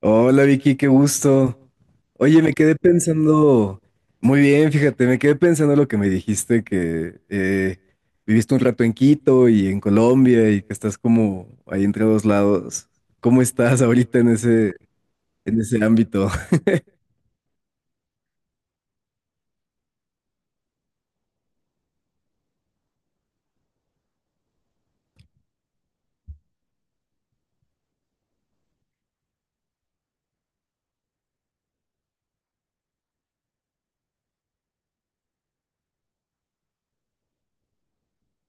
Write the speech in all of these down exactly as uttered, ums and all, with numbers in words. Hola Vicky, qué gusto. Oye, me quedé pensando, muy bien, fíjate, me quedé pensando lo que me dijiste, que eh, viviste un rato en Quito y en Colombia y que estás como ahí entre dos lados. ¿Cómo estás ahorita en ese, en ese ámbito?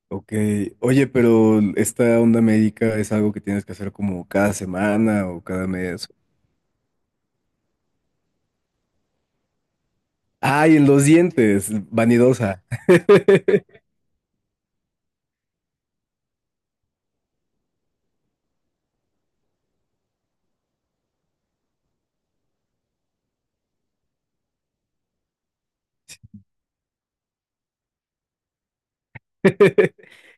Ok, oye, pero esta onda médica es algo que tienes que hacer como cada semana o cada mes. Ay, en los dientes, vanidosa.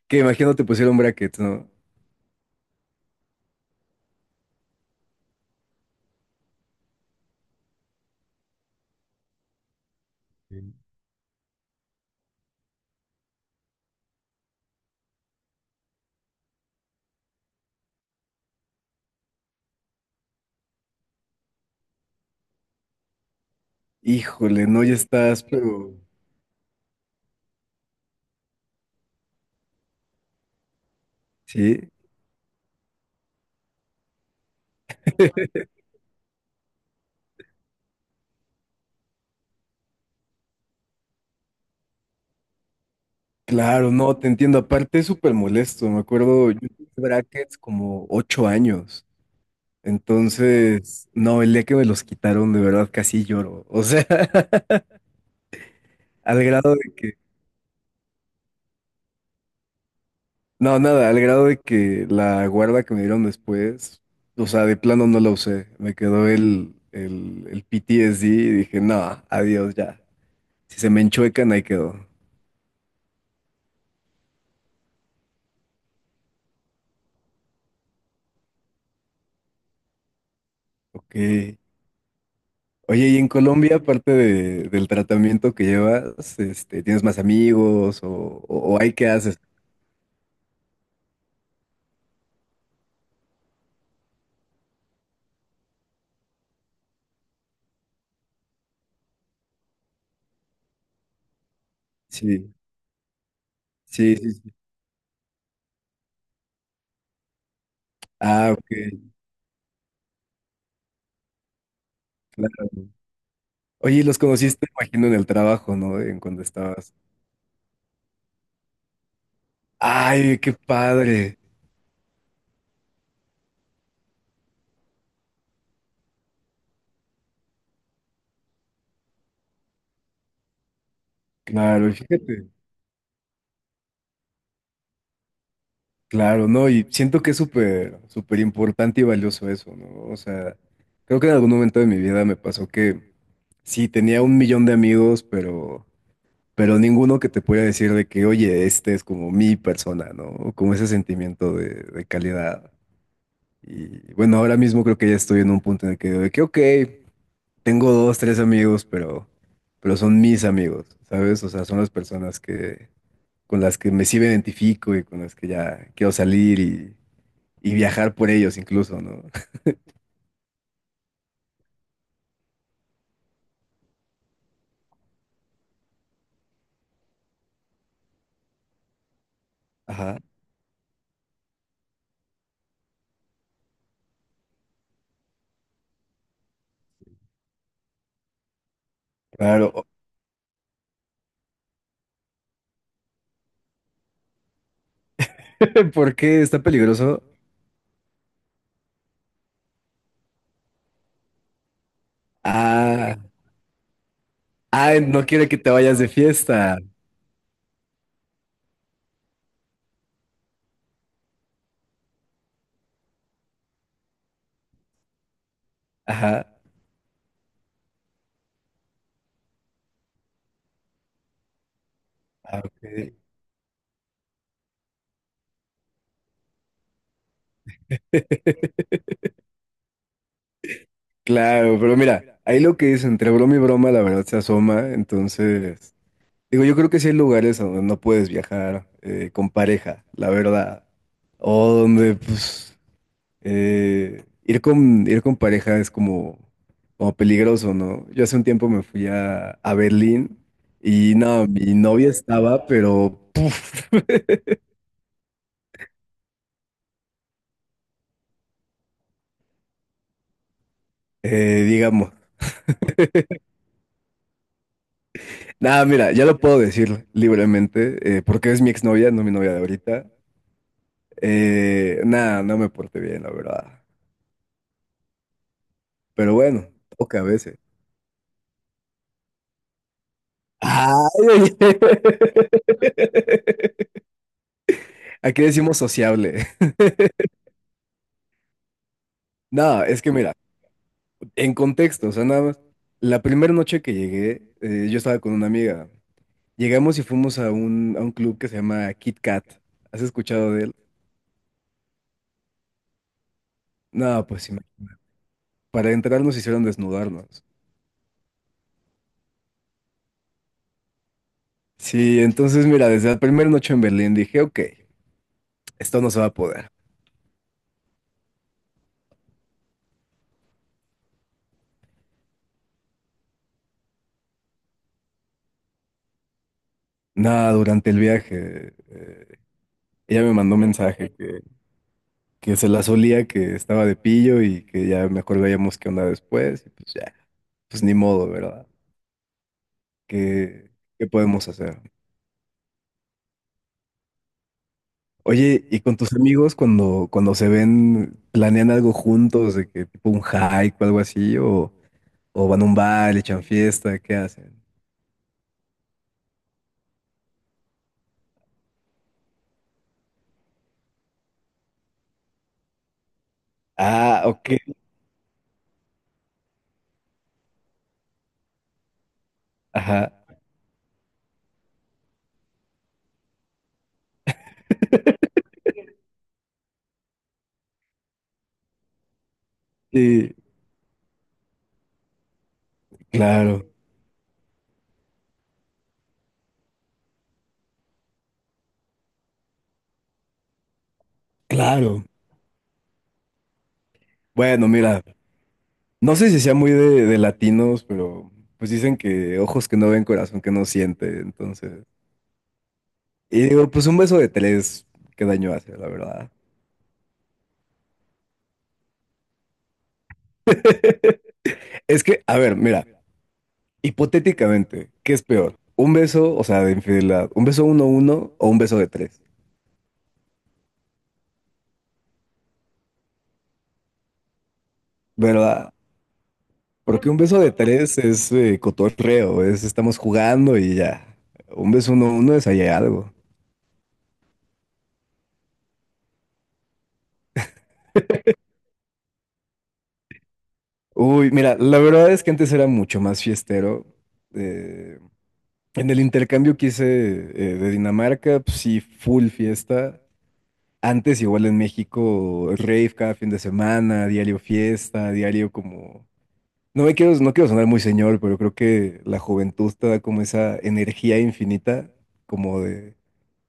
Que imagino te pusieron brackets, ¿no? Híjole, no, ya estás, pero sí, claro, no, te entiendo. Aparte es súper molesto, me acuerdo, yo tuve brackets como ocho años. Entonces, no, el día que me los quitaron, de verdad casi lloro. O sea, al grado de que, no, nada, al grado de que la guarda que me dieron después, o sea, de plano no la usé. Me quedó el, el, el P T S D y dije, no, adiós ya. Si se me enchuecan, ahí quedó. Ok. Oye, y en Colombia, aparte de- del tratamiento que llevas, este, ¿tienes más amigos o, o, o hay qué haces? Sí, sí, sí, sí. Ah, ok, claro. Oye, y los conociste, imagino, en el trabajo, ¿no? En cuando estabas. Ay, qué padre. Claro, y fíjate. Claro, no, y siento que es súper, súper importante y valioso eso, ¿no? O sea, creo que en algún momento de mi vida me pasó que sí, tenía un millón de amigos, pero pero ninguno que te pueda decir de que, oye, este es como mi persona, ¿no? O como ese sentimiento de, de calidad. Y bueno, ahora mismo creo que ya estoy en un punto en el que digo de que, ok, tengo dos, tres amigos, pero, pero son mis amigos, ¿sabes? O sea, son las personas que, con las que me sí me identifico y con las que ya quiero salir y, y viajar por ellos incluso, ¿no? Ajá, claro. ¿Por qué está peligroso? Ah, ah, no quiere que te vayas de fiesta. Ajá. Ah, ok. Claro, pero mira, ahí lo que dicen, entre broma y broma, la verdad se asoma. Entonces, digo, yo creo que sí hay lugares a donde no puedes viajar eh, con pareja, la verdad. O donde, pues, eh, ir con, ir con pareja es como, como peligroso, ¿no? Yo hace un tiempo me fui a, a Berlín y no, mi novia estaba, pero, puf, eh, digamos. Nada, mira, ya lo puedo decir libremente, eh, porque es mi exnovia, no mi novia de ahorita. Eh, nada, no me porté bien, la verdad. Pero bueno, toca a veces. Ay, oye. Aquí decimos sociable. No, es que mira, en contexto, o sea, nada más. La primera noche que llegué, eh, yo estaba con una amiga. Llegamos y fuimos a un, a un club que se llama Kit Kat. ¿Has escuchado de él? No, pues sí, imagínate. Para entrar nos hicieron desnudarnos. Sí, entonces mira, desde la primera noche en Berlín dije, ok, esto no se va a poder. Nada, durante el viaje. eh, Ella me mandó un mensaje que, que se la solía, que estaba de pillo y que ya mejor veíamos qué onda después. Y pues ya, pues ni modo, ¿verdad? ¿Qué, qué podemos hacer? Oye, ¿y con tus amigos cuando, cuando se ven, planean algo juntos, de que tipo un hike o algo así? ¿O, o van a un bar, le echan fiesta? ¿Qué hacen? Ah, ok. Ajá. Sí, claro, claro. Bueno, mira. No sé si sea muy de, de latinos, pero pues dicen que ojos que no ven, corazón que no siente, entonces. Y digo, pues un beso de tres, qué daño hace, la verdad. Es que, a ver, mira, hipotéticamente, ¿qué es peor? ¿Un beso, o sea, de infidelidad? ¿Un beso uno uno o un beso de tres? ¿Verdad? Porque un beso de tres es eh, cotorreo, es estamos jugando y ya. Un beso uno uno es ahí algo. Uy, mira, la verdad es que antes era mucho más fiestero. eh, En el intercambio que hice eh, de Dinamarca, pues sí, full fiesta. Antes igual en México, rave cada fin de semana, diario fiesta, diario como. No me quiero, no quiero sonar muy señor, pero creo que la juventud te da como esa energía infinita, como de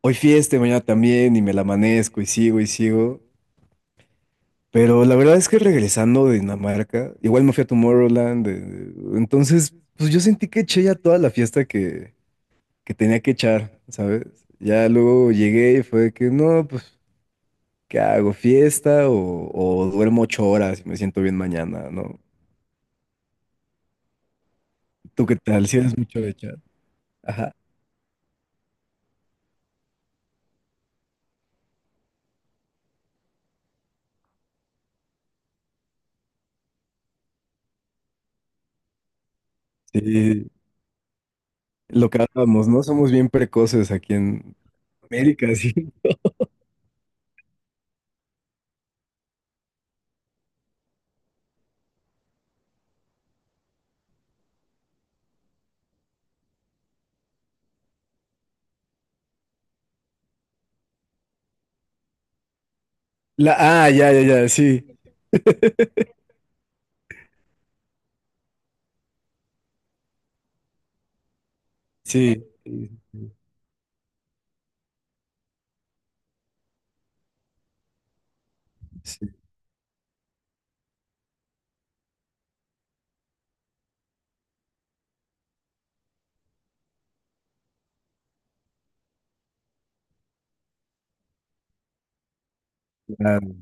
hoy fiesta, y mañana también, y me la amanezco, y sigo, y sigo. Pero la verdad es que regresando de Dinamarca, igual me fui a Tomorrowland, eh, entonces, pues yo sentí que eché ya toda la fiesta que que tenía que echar, ¿sabes? Ya luego llegué y fue que, no, pues, ¿qué hago? ¿Fiesta o, o duermo ocho horas y me siento bien mañana, ¿no? ¿Tú qué tal? Si eres mucho de echar. Ajá. Sí, lo que hablábamos, ¿no? Somos bien precoces aquí en América, sí. La, ah, ya, ya, ya, sí. Sí. Sí, claro.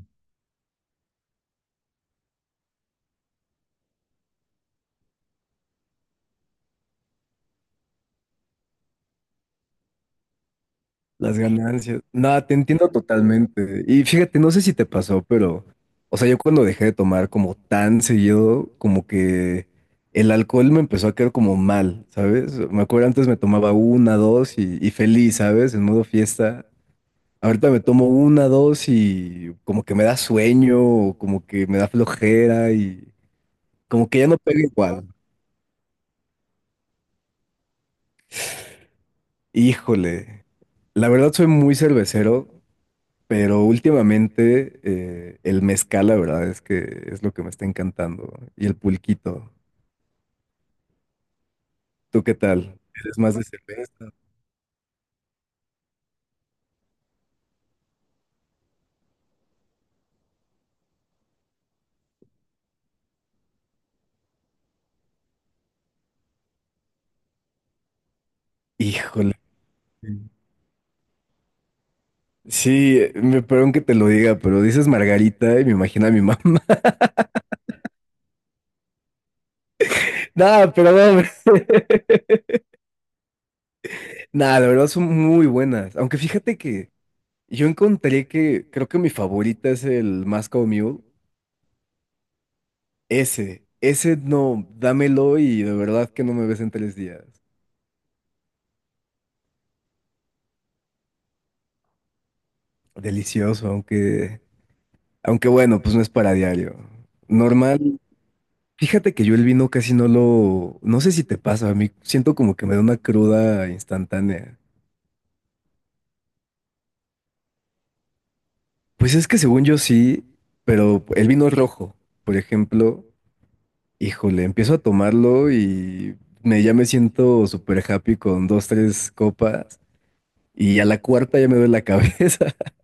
Las ganancias. Nada, te entiendo totalmente. Y fíjate, no sé si te pasó, pero, o sea, yo cuando dejé de tomar como tan seguido, como que el alcohol me empezó a caer como mal, ¿sabes? Me acuerdo antes me tomaba una, dos y, y feliz, ¿sabes? En modo fiesta. Ahorita me tomo una, dos y como que me da sueño, o como que me da flojera y como que ya no pega igual. Híjole. La verdad soy muy cervecero. Pero últimamente eh, el mezcal, la verdad es que es lo que me está encantando. Y el pulquito. ¿Tú qué tal? ¿Eres más de cerveza? Híjole. Sí, eh, me perdón que te lo diga, pero dices Margarita y me imagino a mi mamá. Nada, pero no, hombre. Nada, la verdad son muy buenas. Aunque fíjate que yo encontré que creo que mi favorita es el Moscow Mule. Ese, ese no, dámelo y de verdad que no me ves en tres días. Delicioso, aunque. Aunque bueno, pues no es para diario. Normal. Fíjate que yo el vino casi no lo... No sé si te pasa, a mí siento como que me da una cruda instantánea. Pues es que según yo sí, pero el vino rojo, por ejemplo, híjole, empiezo a tomarlo y me, ya me siento súper happy con dos, tres copas y a la cuarta ya me duele la cabeza.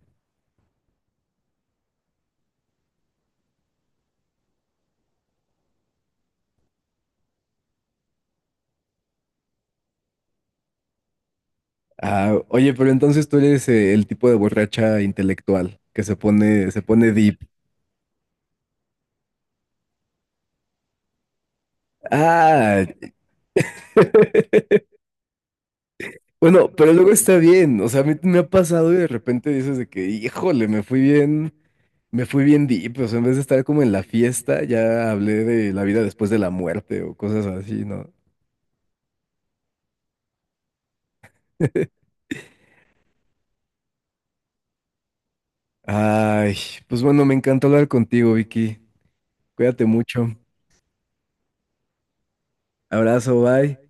Ah, oye, pero entonces tú eres eh, el tipo de borracha intelectual que se pone, se pone deep. Ah, Bueno, pero luego está bien, o sea, a mí me ha pasado y de repente dices de que, híjole, me fui bien, me fui bien deep, o sea, en vez de estar como en la fiesta, ya hablé de la vida después de la muerte o cosas así, ¿no? Ay, pues bueno, me encantó hablar contigo, Vicky. Cuídate mucho. Abrazo, bye.